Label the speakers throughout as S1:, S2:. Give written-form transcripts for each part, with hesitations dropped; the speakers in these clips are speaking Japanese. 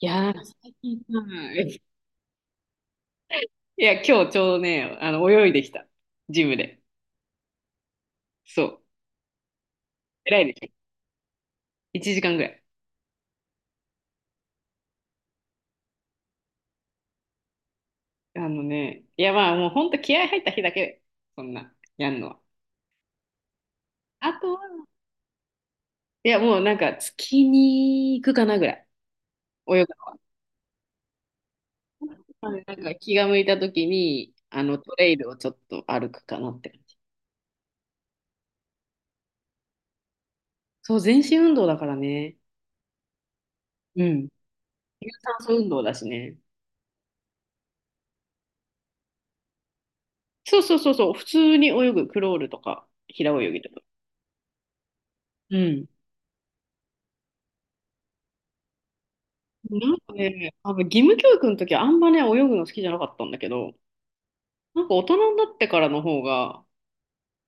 S1: いやー、なんか最近さ、いや、今日ちょうどね、泳いできた。ジムで。そう。偉いでしょ。1時間ぐらい。あのね、いや、まあ、もうほんと気合入った日だけ、そんな、やんのは。あとは、いや、もうなんか、月に行くかなぐらい。泳ぐの。なんか、気が向いた時に、トレイルをちょっと歩くかなって感じ。そう、全身運動だからね。うん。有酸素運動だしね。そうそうそうそう、普通に泳ぐ、クロールとか、平泳ぎとか。うん。なんかね、多分義務教育の時はあんまね、泳ぐの好きじゃなかったんだけど、なんか大人になってからの方が、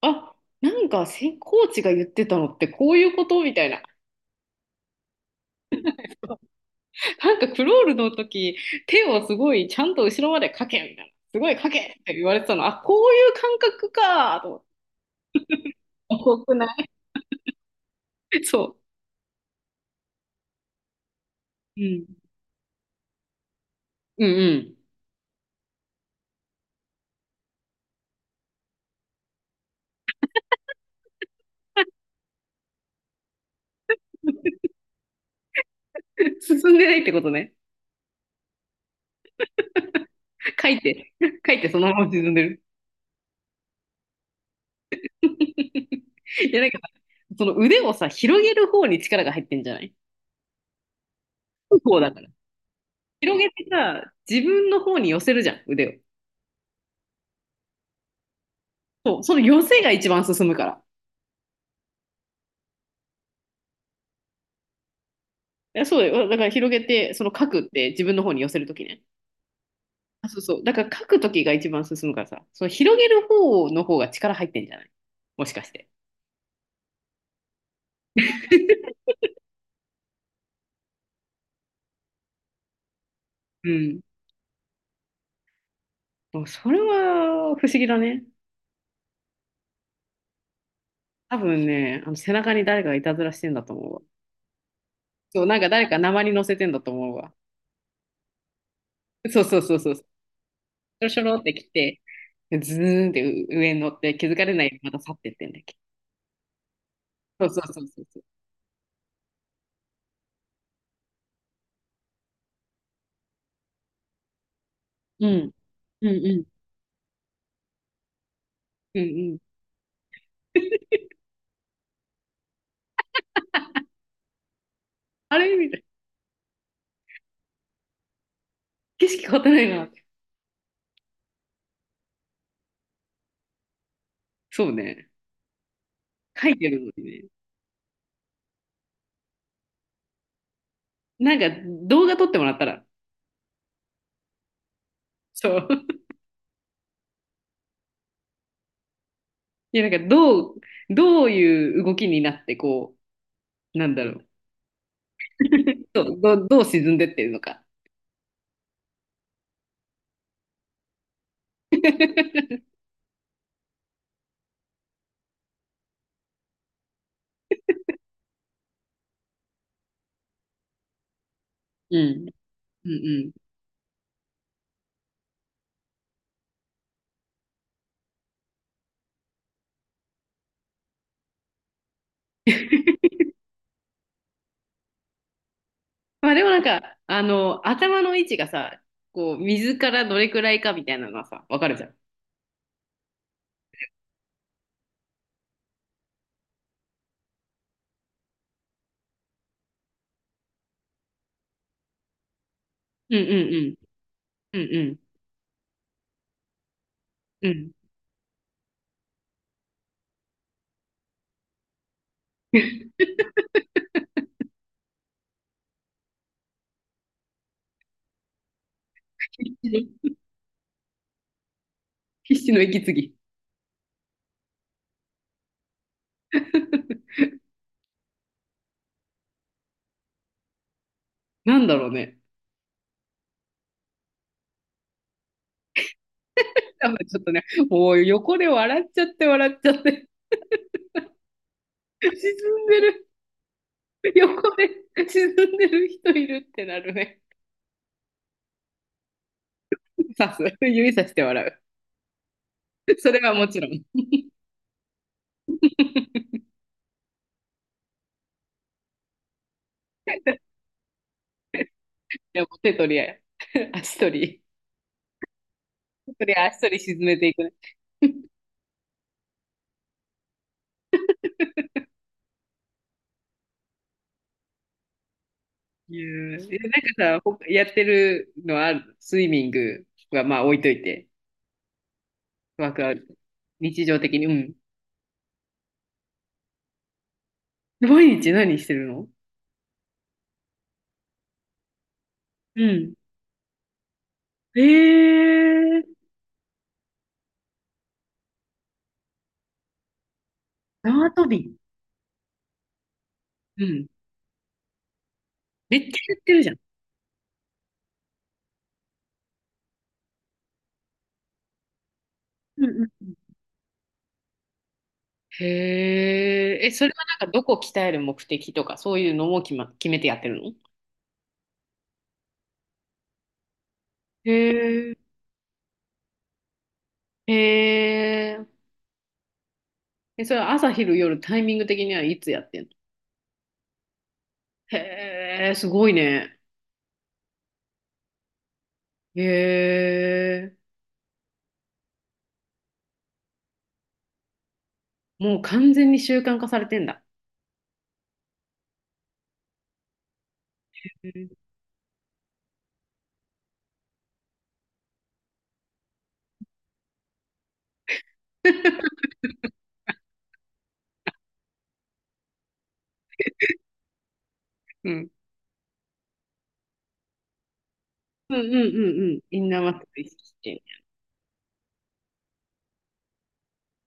S1: あ、なんかコーチが言ってたのってこういうことみたいな。なんかクロールの時、手をすごいちゃんと後ろまでかけみたいな。すごいかけって言われてたの。あ、こういう感覚かと思って。多くないそう。うん。うんうん。進んでないってことね。書いて、書いてそのまま沈んでる。いや、なんか、その腕をさ、広げる方に力が入ってんじゃない方だから。広げてさ、自分の方に寄せるじゃん、腕を。そう、その寄せが一番進むから。いや、そうだよ。だから広げて、その書くって自分の方に寄せるときね。あ、そうそう。だから書くときが一番進むからさ、その広げる方の方が力入ってんじゃないもしかして。うん。もうそれは不思議だね。多分ね、あの背中に誰かがいたずらしてんだと思うわ。そう、なんか誰か鉛乗せてんだと思うわ。そうそうそうそう。しょろしょろって来て、ズーンって上に乗って気づかれないようにまた去ってってんだっけ。そうそうそうそうそう。うん。うんうん。うんうん。あれみたいな。景色変わってないなって。そうね。書いてるのにね。なんか動画撮ってもらったら。そう。いや、なんかどういう動きになって、こう、なんだろう。そうどう沈んでってるのか。うん。うんうん。まあでもなんか、頭の位置がさ、こう、水からどれくらいかみたいなのはさ、わかるじゃん。うんうんうん。うんうん。うん。必死の息継ぎ。なんだろうね。多分ちょっとね、もう横で笑っちゃって笑っちゃって、沈んでる、横で沈んでる人いるってなるね。さす。指さして笑う。それはもちろん。いや手取りや、足取り、手取り足取り沈めていくね。いやー、なんかさ、やってるのはある、スイミングはまあ置いといて、ワークアウト。日常的に、うん。毎日何してるの？うん。えー、縄跳び。うん。めっちゃやってるじゃん。うんうんへえ、え、それはなんかどこ鍛える目的とか、そういうのも決めてやってるの？へえ、へえ、え、それは朝昼夜タイミング的にはいつやってんの？へえ、すごいね。へえ、もう完全に習慣化されてんだ。へえうん。うんうんうんうん。インナーマッスル意識して。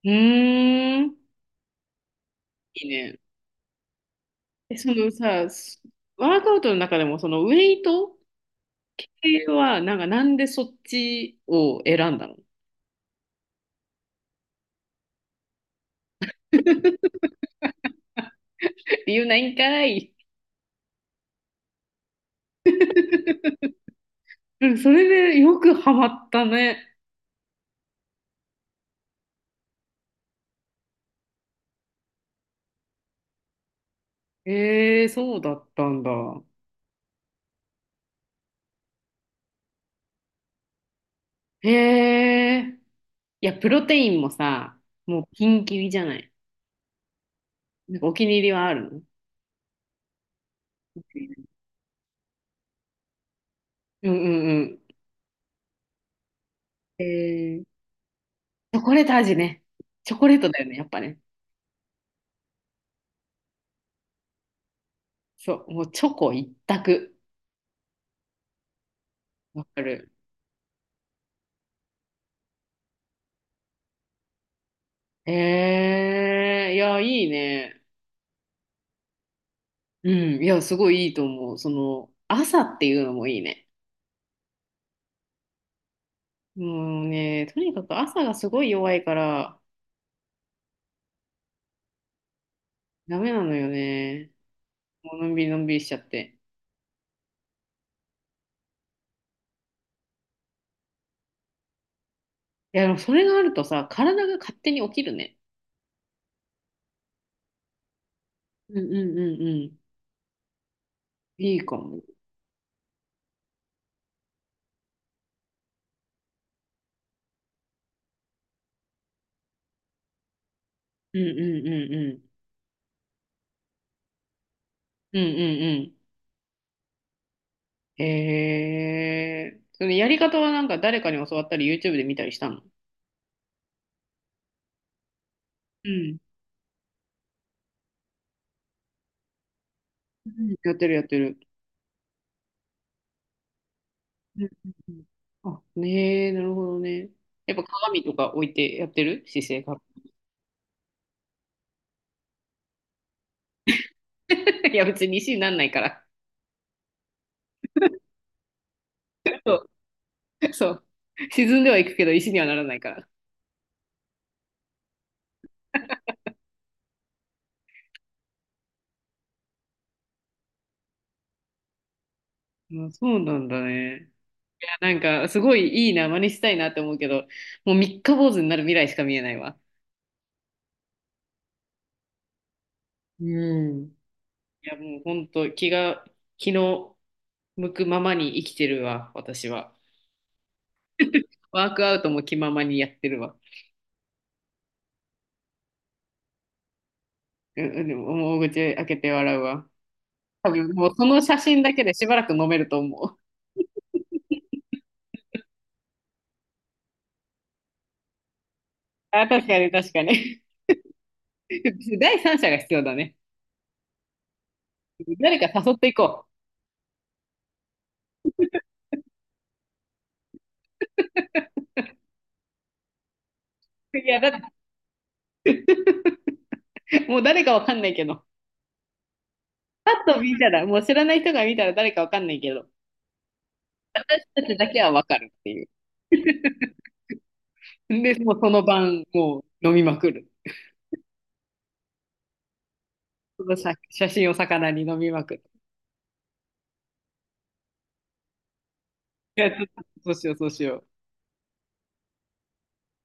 S1: うーん。いいね。え、そのさ、ワークアウトの中でもそのウェイト系は、なんかなんでそっちを選んだの？言うないんかい。うん、それでよくハマったね。そうだったんだ。へえ。いや、プロテインもさ、もうピンキリじゃない。なんかお気に入りはあるの？うんうんうん。チョコレート味ね。チョコレートだよね、やっぱね。そう、もうチョコ一択。わかる。いや、いいね。うん、いや、すごいいいと思う。朝っていうのもいいね。もうね、とにかく朝がすごい弱いから、ダメなのよね。もうのんびりのんびりしちゃって。いや、でもそれがあるとさ、体が勝手に起きるね。うんうんうんうん。いいかも。うんうんうんうん。うんうんうん。へえ。そのやり方はなんか誰かに教わったり YouTube で見たりしたの？うん。うんやってるやってる。うんうんうん。あ、ねえ、なるほどね。やっぱ鏡とか置いてやってる姿勢が。いや、別に石になんないから。そう。そう。沈んではいくけど石にはならないから。あ、そうなんだね。なんか、すごいいいな、真似したいなって思うけど、もう三日坊主になる未来しか見えないわ。うん。いや、もう本当、気の向くままに生きてるわ、私は。ワークアウトも気ままにやってるわ。うんうん、でももう口開けて笑うわ。多分もうその写真だけでしばらく飲めると思う。あ、確かに確かに。第三者が必要だね。誰か誘っていこう。いや、だって、もう誰かわかんないけど。パッと見たら、もう知らない人が見たら誰かわかんないけど。たちだけはわかるっていう。で、もうその晩、もう飲みまくる。その写真を魚に飲みまくる。いや、ちょっとそうしよう、そうしよう。